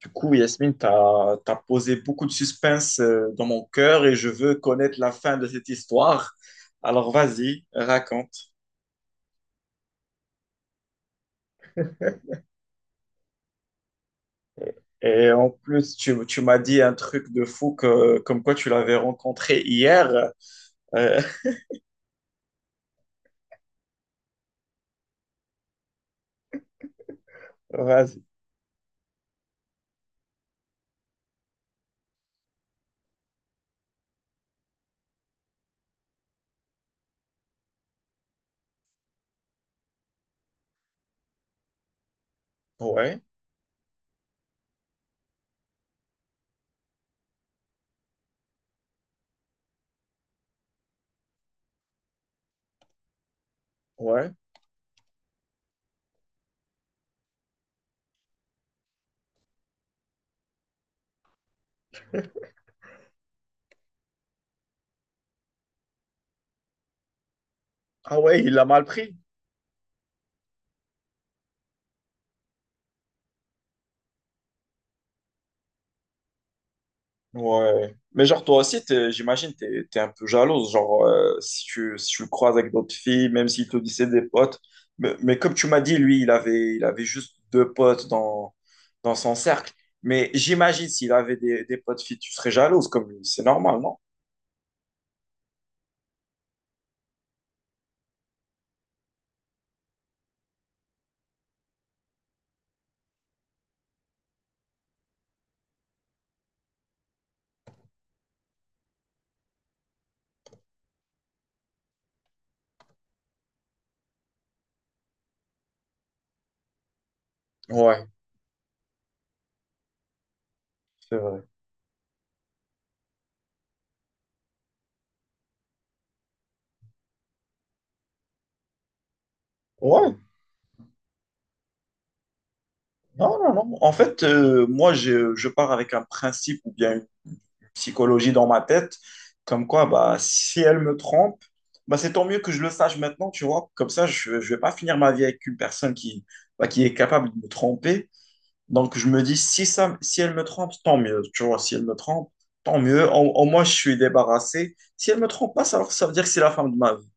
Du coup, Yasmine, posé beaucoup de suspense dans mon cœur et je veux connaître la fin de cette histoire. Alors vas-y, raconte. Et en plus, tu m'as dit un truc de fou que, comme quoi tu l'avais rencontré hier. Euh, vas-y. Ouais, ouais. Ah ouais, il l'a mal pris. Ouais. Mais genre, toi aussi, j'imagine, t'es un peu jalouse. Genre, si si tu le croises avec d'autres filles, même s'il te dit c'est des potes. Mais comme tu m'as dit, lui, il avait juste deux potes dans, dans son cercle. Mais j'imagine, s'il avait des potes filles, tu serais jalouse, comme lui. C'est normal, non? Ouais, c'est vrai. Ouais. Non, non, non. En fait, moi, je pars avec un principe ou bien une psychologie dans ma tête, comme quoi, bah, si elle me trompe, bah, c'est tant mieux que je le sache maintenant, tu vois. Comme ça, je ne vais pas finir ma vie avec une personne qui, bah, qui est capable de me tromper. Donc, je me dis, si elle me trompe, tant mieux, tu vois. Si elle me trompe, tant mieux. Au moins, je suis débarrassé. Si elle me trompe pas, ça veut dire que c'est la fin de ma vie.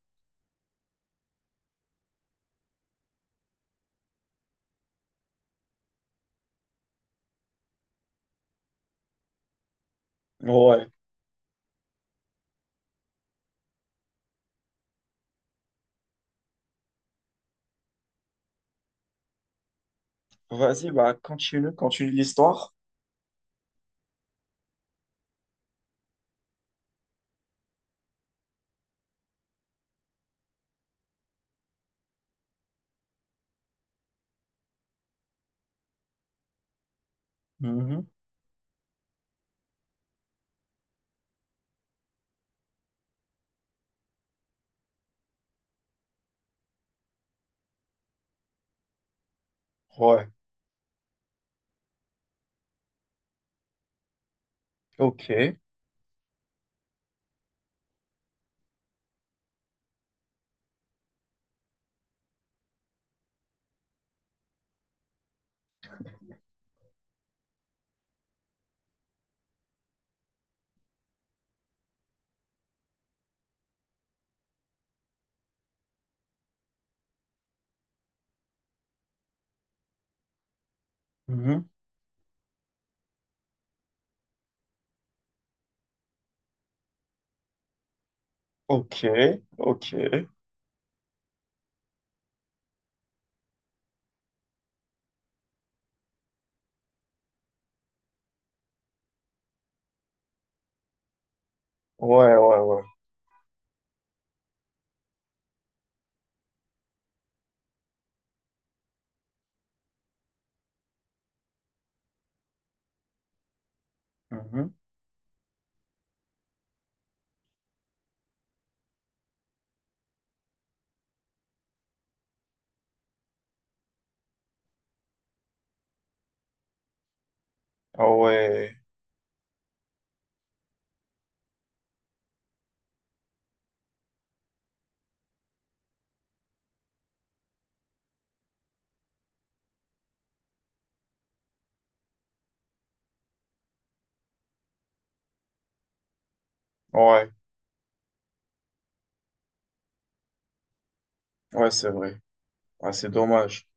Ouais. Vas-y, bah, continue l'histoire. Mhm. Ouais. Ok. Mhm. Ok, ok. Ouais, ouais, ouais. Mhm. Ah ouais, ouais, ouais, c'est vrai. Ouais, c'est dommage.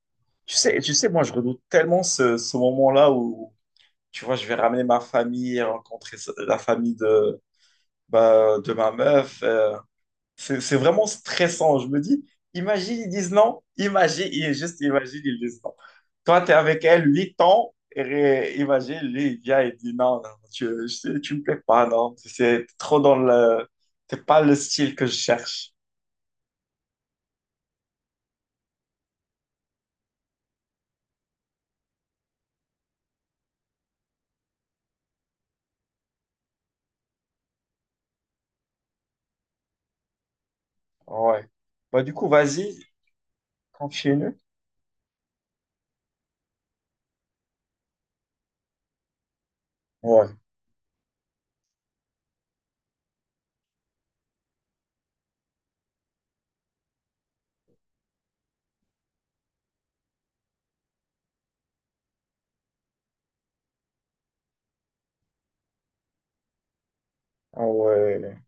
Tu sais, moi, je redoute tellement ce moment-là où, tu vois, je vais ramener ma famille, rencontrer la famille de, bah, de ma meuf. C'est vraiment stressant. Je me dis, imagine, ils disent non. Imagine, il est juste imagine, ils disent non. Toi, tu es avec elle 8 ans. Et imagine, lui, il vient et dit non, non, tu me plais pas, non. C'est trop dans le. C'est pas le style que je cherche. Ouais. Bah, du coup, vas-y, continue. Ouais. Ah ouais.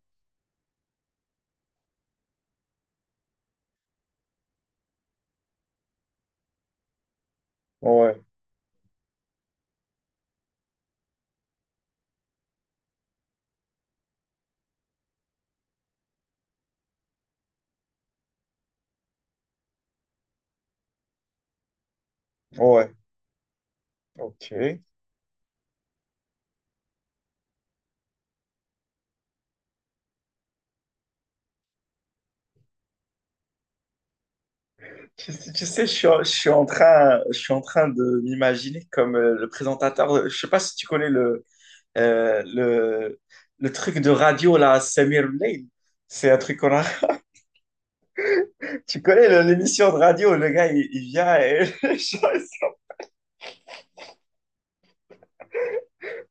Ouais. Ouais. Ok. Tu sais, je suis en train de m'imaginer comme le présentateur. Je sais pas si tu connais le Euh, le, le truc de radio, là, Samir Lane, c'est un truc qu'on a. Tu connais l'émission de radio, le gars, il vient et.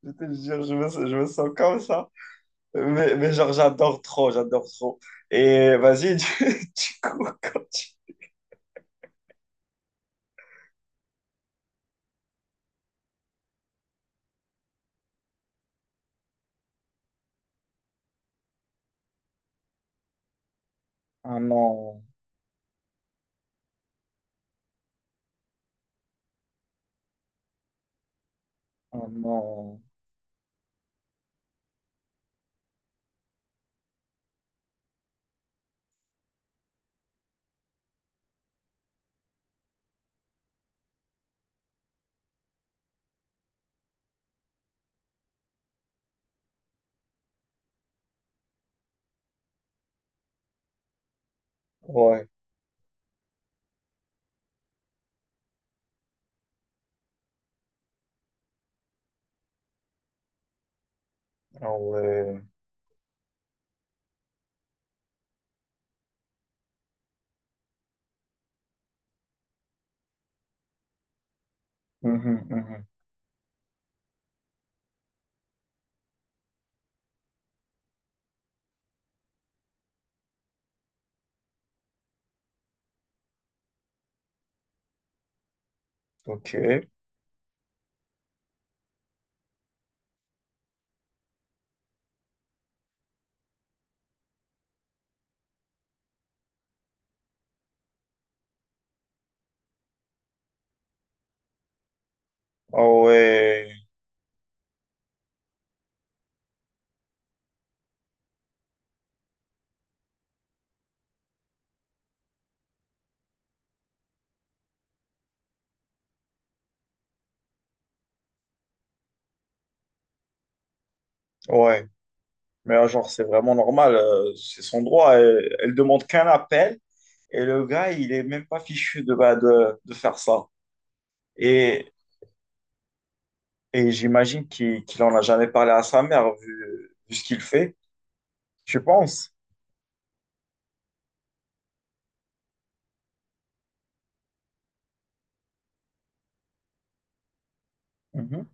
Je te jure, je me sens comme ça. Mais genre, j'adore trop. Et vas-y, du coup. Ah non, ah non. Ouais, ah ouais. Mhm, mhm. Ok. Ah ouais, ouais. Mais genre, c'est vraiment normal, c'est son droit. Elle, elle demande qu'un appel et le gars, il est même pas fichu de, bah, de faire ça. Et, et j'imagine qu'il en a jamais parlé à sa mère vu, vu ce qu'il fait, je pense. Mhm.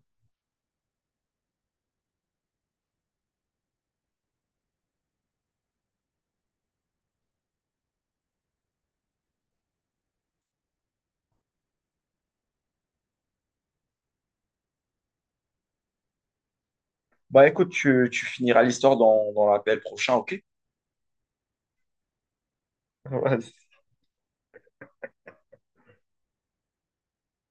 Bah écoute, tu finiras l'histoire dans, dans l'appel prochain, ok?